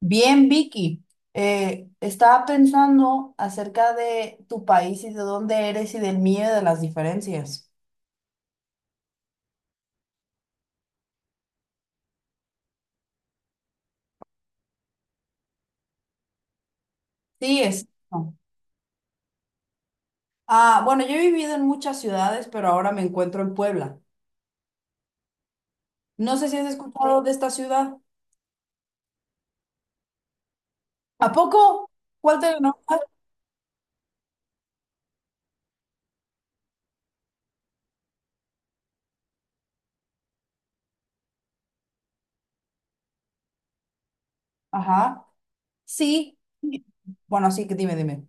Bien, Vicky. Estaba pensando acerca de tu país y de dónde eres y del mío y de las diferencias. Sí, es. Ah, bueno, yo he vivido en muchas ciudades, pero ahora me encuentro en Puebla. No sé si has escuchado de esta ciudad. ¿A poco? ¿Cuál te nombra? Ajá. Sí, sí. Bueno, sí, que dime.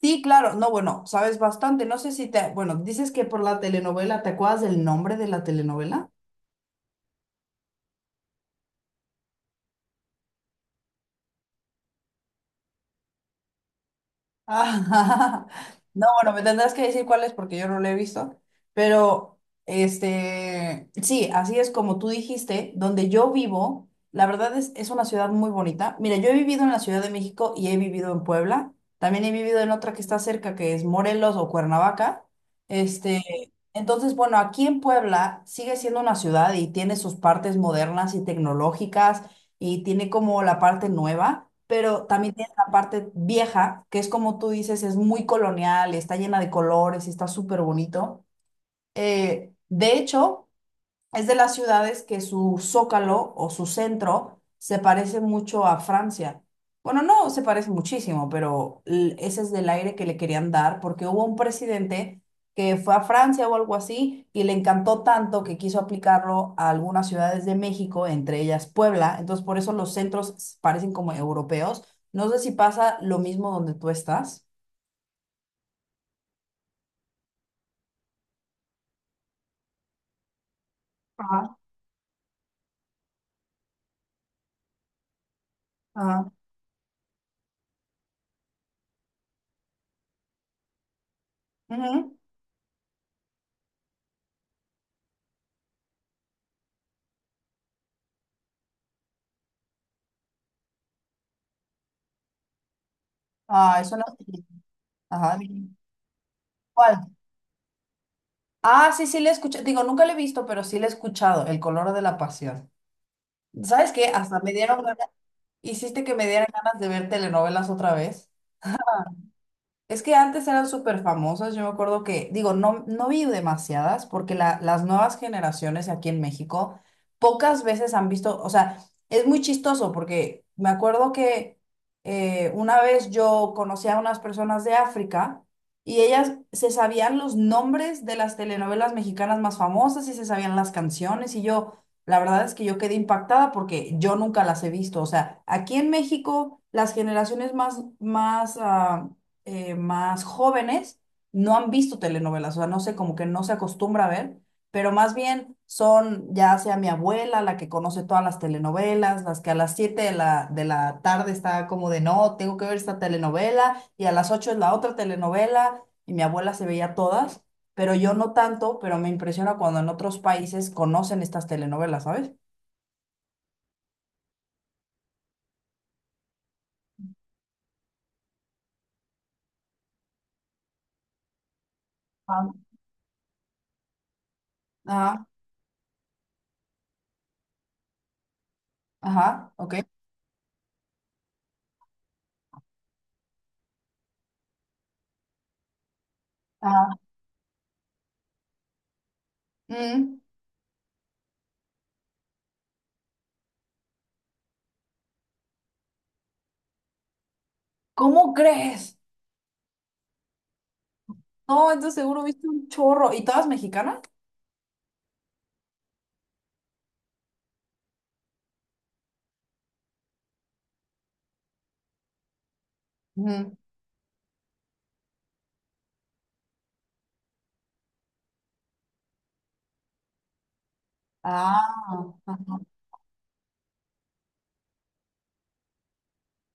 Sí, claro. No, bueno, sabes bastante. No sé si te. Bueno, dices que por la telenovela, ¿te acuerdas del nombre de la telenovela? Ah, no, bueno, me tendrás que decir cuál es porque yo no lo he visto, pero este, sí, así es como tú dijiste, donde yo vivo, la verdad es una ciudad muy bonita. Mira, yo he vivido en la Ciudad de México y he vivido en Puebla, también he vivido en otra que está cerca, que es Morelos o Cuernavaca. Este, entonces, bueno, aquí en Puebla sigue siendo una ciudad y tiene sus partes modernas y tecnológicas y tiene como la parte nueva. Pero también parte vieja, que es como tú dices, es muy colonial, está llena de colores, está súper bonito. De hecho, es de las ciudades que su zócalo o su centro se parece mucho a Francia. Bueno, no se parece muchísimo, pero ese es del aire que le querían dar porque hubo un presidente que fue a Francia o algo así y le encantó tanto que quiso aplicarlo a algunas ciudades de México, entre ellas Puebla. Entonces, por eso los centros parecen como europeos. No sé si pasa lo mismo donde tú estás. Ajá, ajá. Ujú. Ah, eso no. Ajá. ¿Cuál? Ah, sí, sí, le he escuchado. Digo, nunca le he visto, pero sí le he escuchado, El color de la pasión. ¿Sabes qué? Hasta me dieron ganas, hiciste que me dieran ganas de ver telenovelas otra vez. Es que antes eran súper famosas, yo me acuerdo que, digo, no, no vi demasiadas porque las nuevas generaciones aquí en México pocas veces han visto, o sea, es muy chistoso porque me acuerdo que una vez yo conocí a unas personas de África y ellas se sabían los nombres de las telenovelas mexicanas más famosas y se sabían las canciones y yo, la verdad es que yo quedé impactada porque yo nunca las he visto, o sea, aquí en México las generaciones más jóvenes no han visto telenovelas, o sea, no sé, como que no se acostumbra a ver, pero más bien son ya sea mi abuela la que conoce todas las telenovelas, las que a las 7 de la tarde está como de no, tengo que ver esta telenovela, y a las 8 es la otra telenovela, y mi abuela se veía todas, pero yo no tanto, pero me impresiona cuando en otros países conocen estas telenovelas, ¿sabes? Ah, ajá, ajá, ok. Ajá. Mm. ¿Cómo crees? No, entonces seguro viste un chorro. ¿Y todas mexicanas? Ujú. Ah, ajá,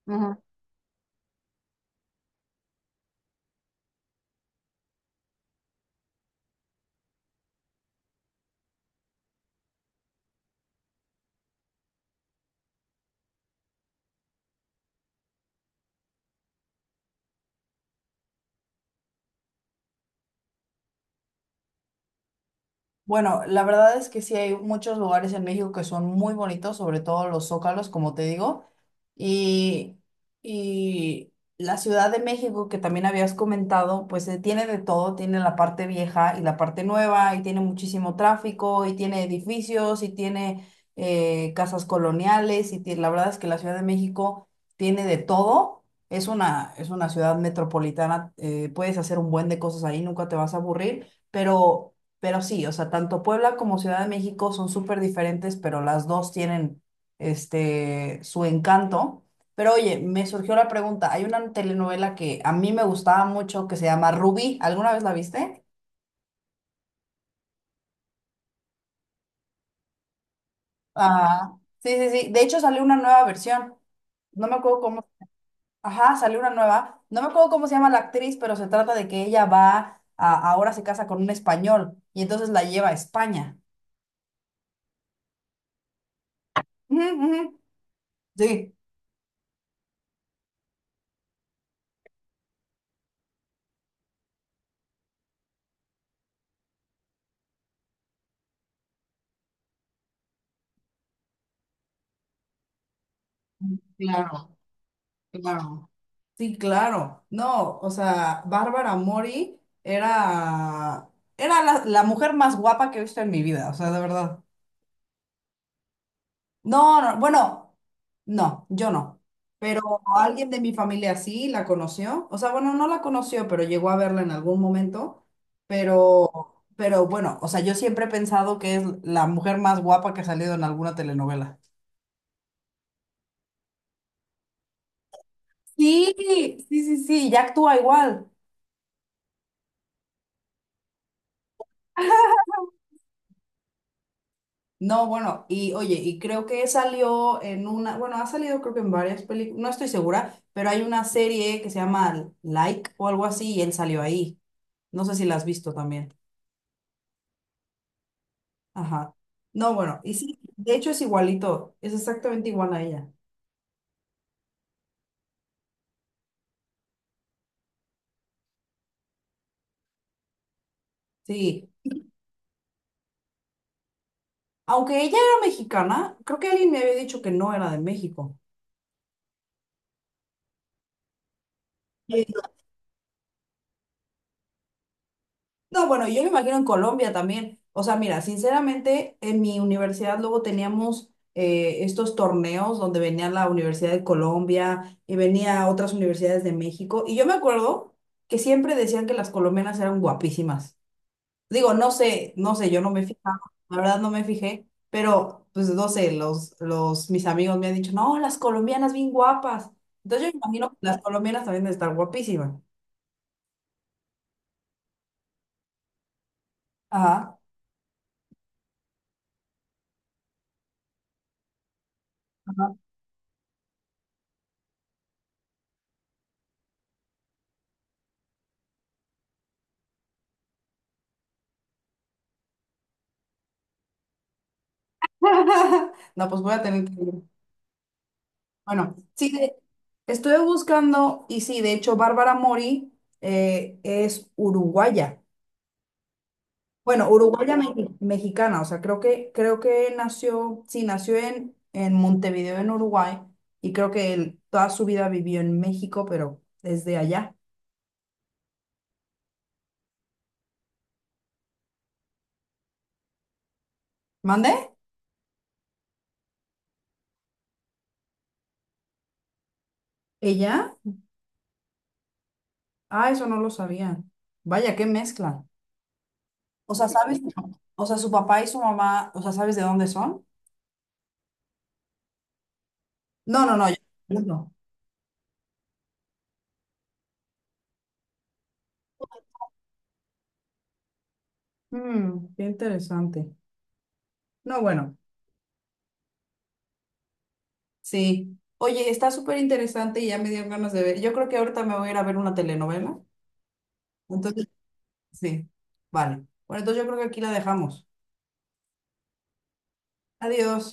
ujú. Bueno, la verdad es que sí hay muchos lugares en México que son muy bonitos, sobre todo los zócalos, como te digo. Y, y la Ciudad de México, que también habías comentado, pues tiene de todo, tiene la parte vieja y la parte nueva, y tiene muchísimo tráfico, y tiene edificios, y tiene casas coloniales, y la verdad es que la Ciudad de México tiene de todo. Es una ciudad metropolitana, puedes hacer un buen de cosas ahí, nunca te vas a aburrir, pero sí, o sea, tanto Puebla como Ciudad de México son súper diferentes, pero las dos tienen este, su encanto. Pero oye, me surgió la pregunta, hay una telenovela que a mí me gustaba mucho que se llama Rubí, ¿alguna vez la viste? Ah, sí, sí, sí, de hecho salió una nueva versión, no me acuerdo cómo, ajá, salió una nueva, no me acuerdo cómo se llama la actriz, pero se trata de que ella va, a, ahora se casa con un español y entonces la lleva a España. Ujú, ujú. Sí. Claro, claro. Sí, claro. No, o sea, Bárbara Mori era la mujer más guapa que he visto en mi vida, o sea, de verdad. No, no, bueno, no, yo no. Pero alguien de mi familia sí la conoció. O sea, bueno, no la conoció, pero llegó a verla en algún momento. Pero bueno, o sea, yo siempre he pensado que es la mujer más guapa que ha salido en alguna telenovela. Sí, sí, sí, sí, ya actúa igual. No, bueno, y oye, y creo que salió en una, bueno, ha salido creo que en varias películas, no estoy segura, pero hay una serie que se llama Like o algo así y él salió ahí. No sé si la has visto también. Ajá. No, bueno, y sí, de hecho es igualito, es exactamente igual a ella. Sí, aunque ella era mexicana, creo que alguien me había dicho que no era de México. No, bueno, yo me imagino en Colombia también. O sea, mira, sinceramente, en mi universidad luego teníamos estos torneos donde venía la Universidad de Colombia y venía otras universidades de México. Y yo me acuerdo que siempre decían que las colombianas eran guapísimas. Digo, no sé, no sé, yo no me fijaba, la verdad no me fijé, pero pues no sé, mis amigos me han dicho, no, las colombianas bien guapas. Entonces yo me imagino que las colombianas también deben estar guapísimas. Ajá. Ajá. No, pues voy a tener que ir. Bueno, sí, estuve buscando y sí, de hecho, Bárbara Mori es uruguaya. Bueno, uruguaya mexicana, o sea, creo que nació, sí, nació en Montevideo, en Uruguay, y creo que él toda su vida vivió en México, pero desde allá. ¿Mande? ¿Ella? Ah, eso no lo sabía. Vaya, qué mezcla. O sea, ¿sabes? O sea, su papá y su mamá, o sea, ¿sabes de dónde son? No, no, no, no. Mm, qué interesante. No, bueno. Sí. Oye, está súper interesante y ya me dieron ganas de ver. Yo creo que ahorita me voy a ir a ver una telenovela. Entonces, sí. Vale. Bueno, entonces yo creo que aquí la dejamos. Adiós.